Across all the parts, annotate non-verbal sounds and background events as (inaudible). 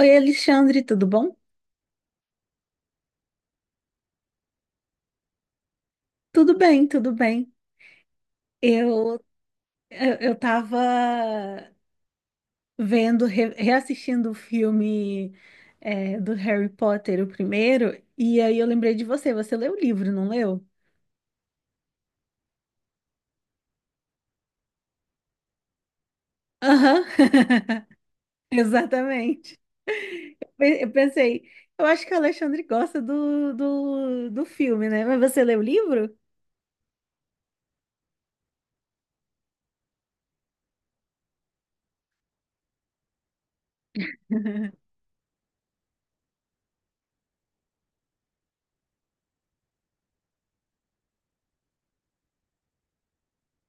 Oi, Alexandre, tudo bom? Tudo bem, tudo bem. Eu eu tava vendo, reassistindo o filme, do Harry Potter, o primeiro, e aí eu lembrei de você. Você leu o livro, não leu? Aham. (laughs) Exatamente. Eu pensei, eu acho que o Alexandre gosta do filme, né? Mas você leu o livro?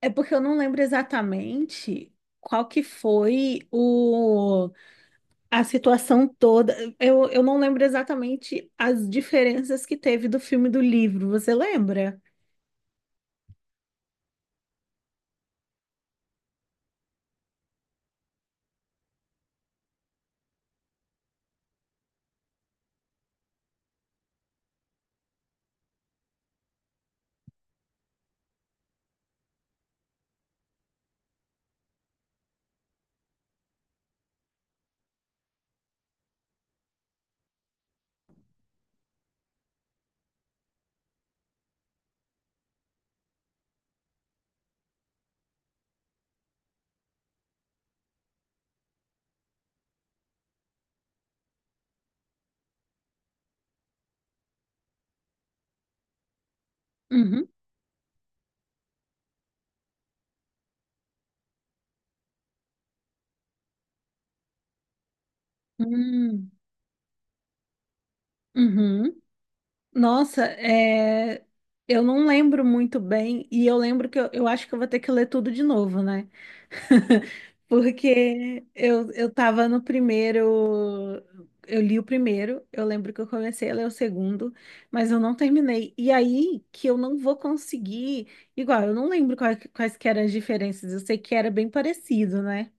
É porque eu não lembro exatamente qual que foi o. A situação toda, eu não lembro exatamente as diferenças que teve do filme e do livro, você lembra? Uhum. Hum. Uhum. Nossa, é, eu não lembro muito bem, e eu lembro que eu acho que eu vou ter que ler tudo de novo, né? (laughs) Porque eu tava no primeiro, eu li o primeiro, eu lembro que eu comecei a ler o segundo, mas eu não terminei. E aí que eu não vou conseguir, igual, eu não lembro quais que eram as diferenças, eu sei que era bem parecido, né?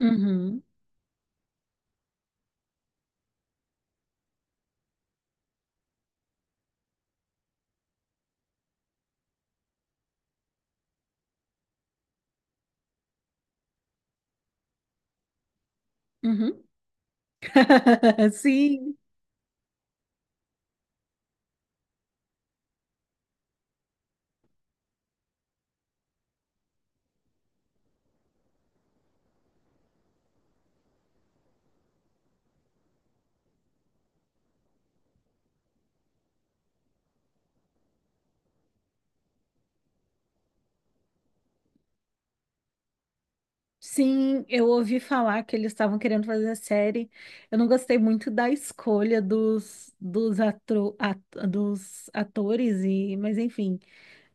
Uhum, uhum. (laughs) Sim. Sim, eu ouvi falar que eles estavam querendo fazer a série. Eu não gostei muito da escolha dos atores, e, mas enfim.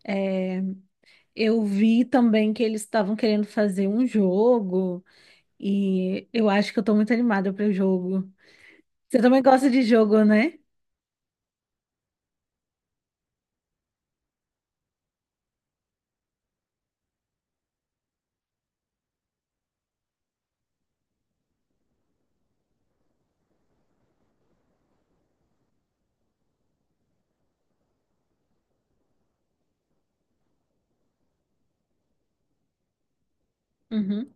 É, eu vi também que eles estavam querendo fazer um jogo, e eu acho que eu tô muito animada para o jogo. Você também gosta de jogo, né? Uhum.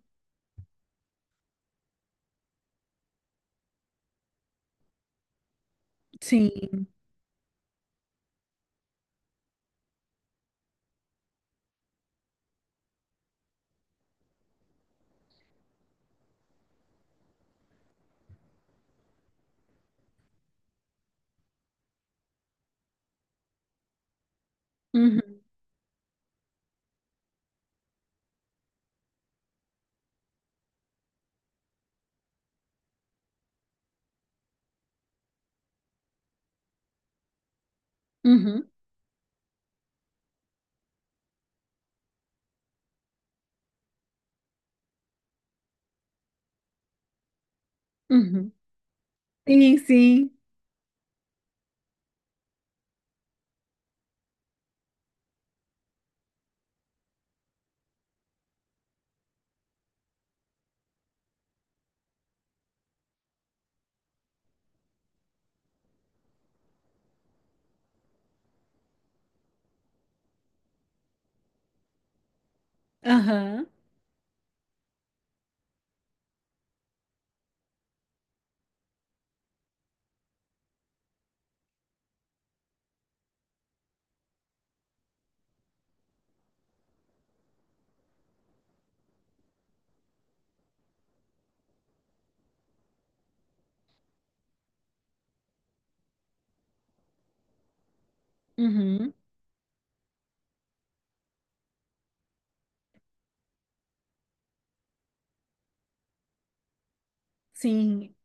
Sim. Uhum. Uhum. Uhum. Sim, sim. Aham. Uhum. Sim,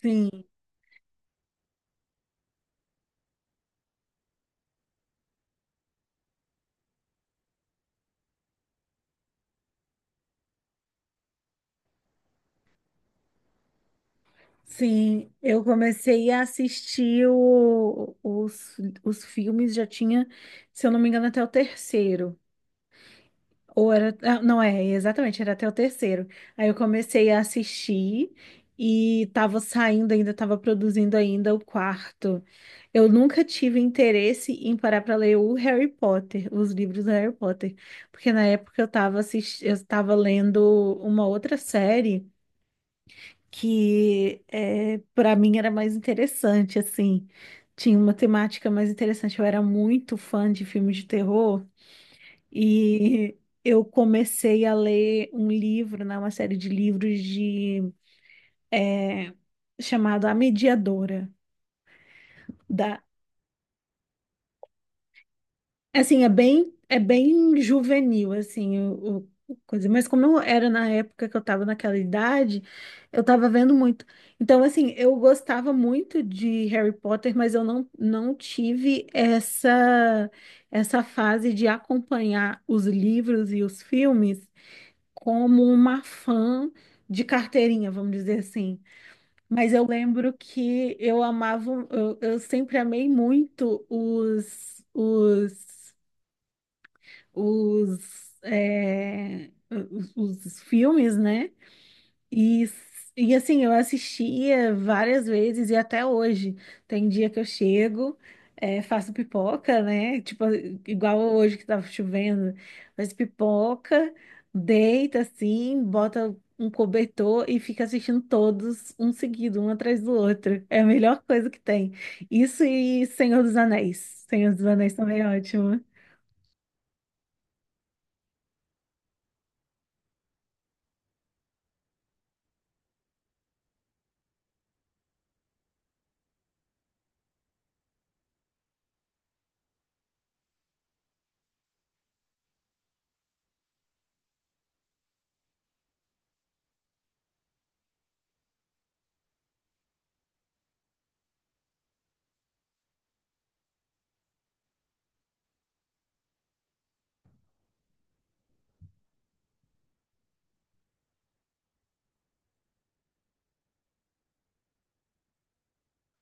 sim. Sim, eu comecei a assistir os filmes, já tinha, se eu não me engano, até o terceiro. Ou era. Ah, não é, exatamente, era até o terceiro. Aí eu comecei a assistir e tava saindo ainda, tava produzindo ainda o quarto. Eu nunca tive interesse em parar para ler o Harry Potter, os livros do Harry Potter, porque na época eu tava assistindo, eu estava lendo uma outra série que, é, para mim, era mais interessante, assim, tinha uma temática mais interessante. Eu era muito fã de filmes de terror e eu comecei a ler um livro, né, uma série de livros de eh, chamado A Mediadora. Da. Assim, é bem juvenil, assim, o coisa. Mas como eu era na época que eu tava naquela idade, eu tava vendo muito. Então, assim, eu gostava muito de Harry Potter, mas eu não tive essa, essa fase de acompanhar os livros e os filmes como uma fã de carteirinha, vamos dizer assim. Mas eu lembro que eu amava, eu sempre amei muito os, é, os, os filmes, né? E, e assim, eu assistia várias vezes e até hoje. Tem dia que eu chego, é, faço pipoca, né? Tipo, igual hoje que tava chovendo, faz pipoca, deita assim, bota um cobertor e fica assistindo todos um seguido, um atrás do outro. É a melhor coisa que tem. Isso e Senhor dos Anéis. Senhor dos Anéis também é ótimo.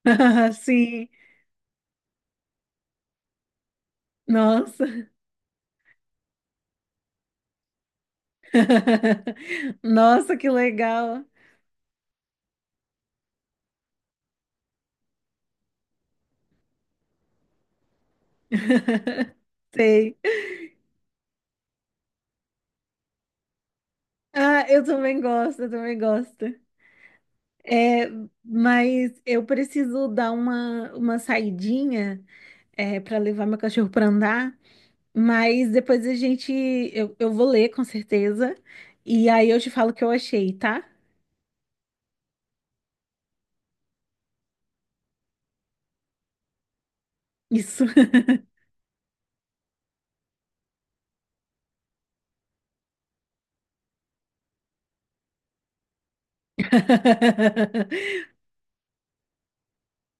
(laughs) Sim. Nossa. (laughs) Nossa, que legal. (laughs) Sei. Ah, eu também gosto, eu também gosto. É, mas eu preciso dar uma saidinha, é, para levar meu cachorro para andar. Mas depois a gente. Eu vou ler, com certeza. E aí eu te falo o que eu achei, tá? Isso. (laughs)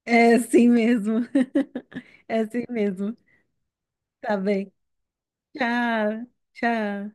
É assim mesmo. (laughs) É assim mesmo. Tá bem. Tchau, tchau.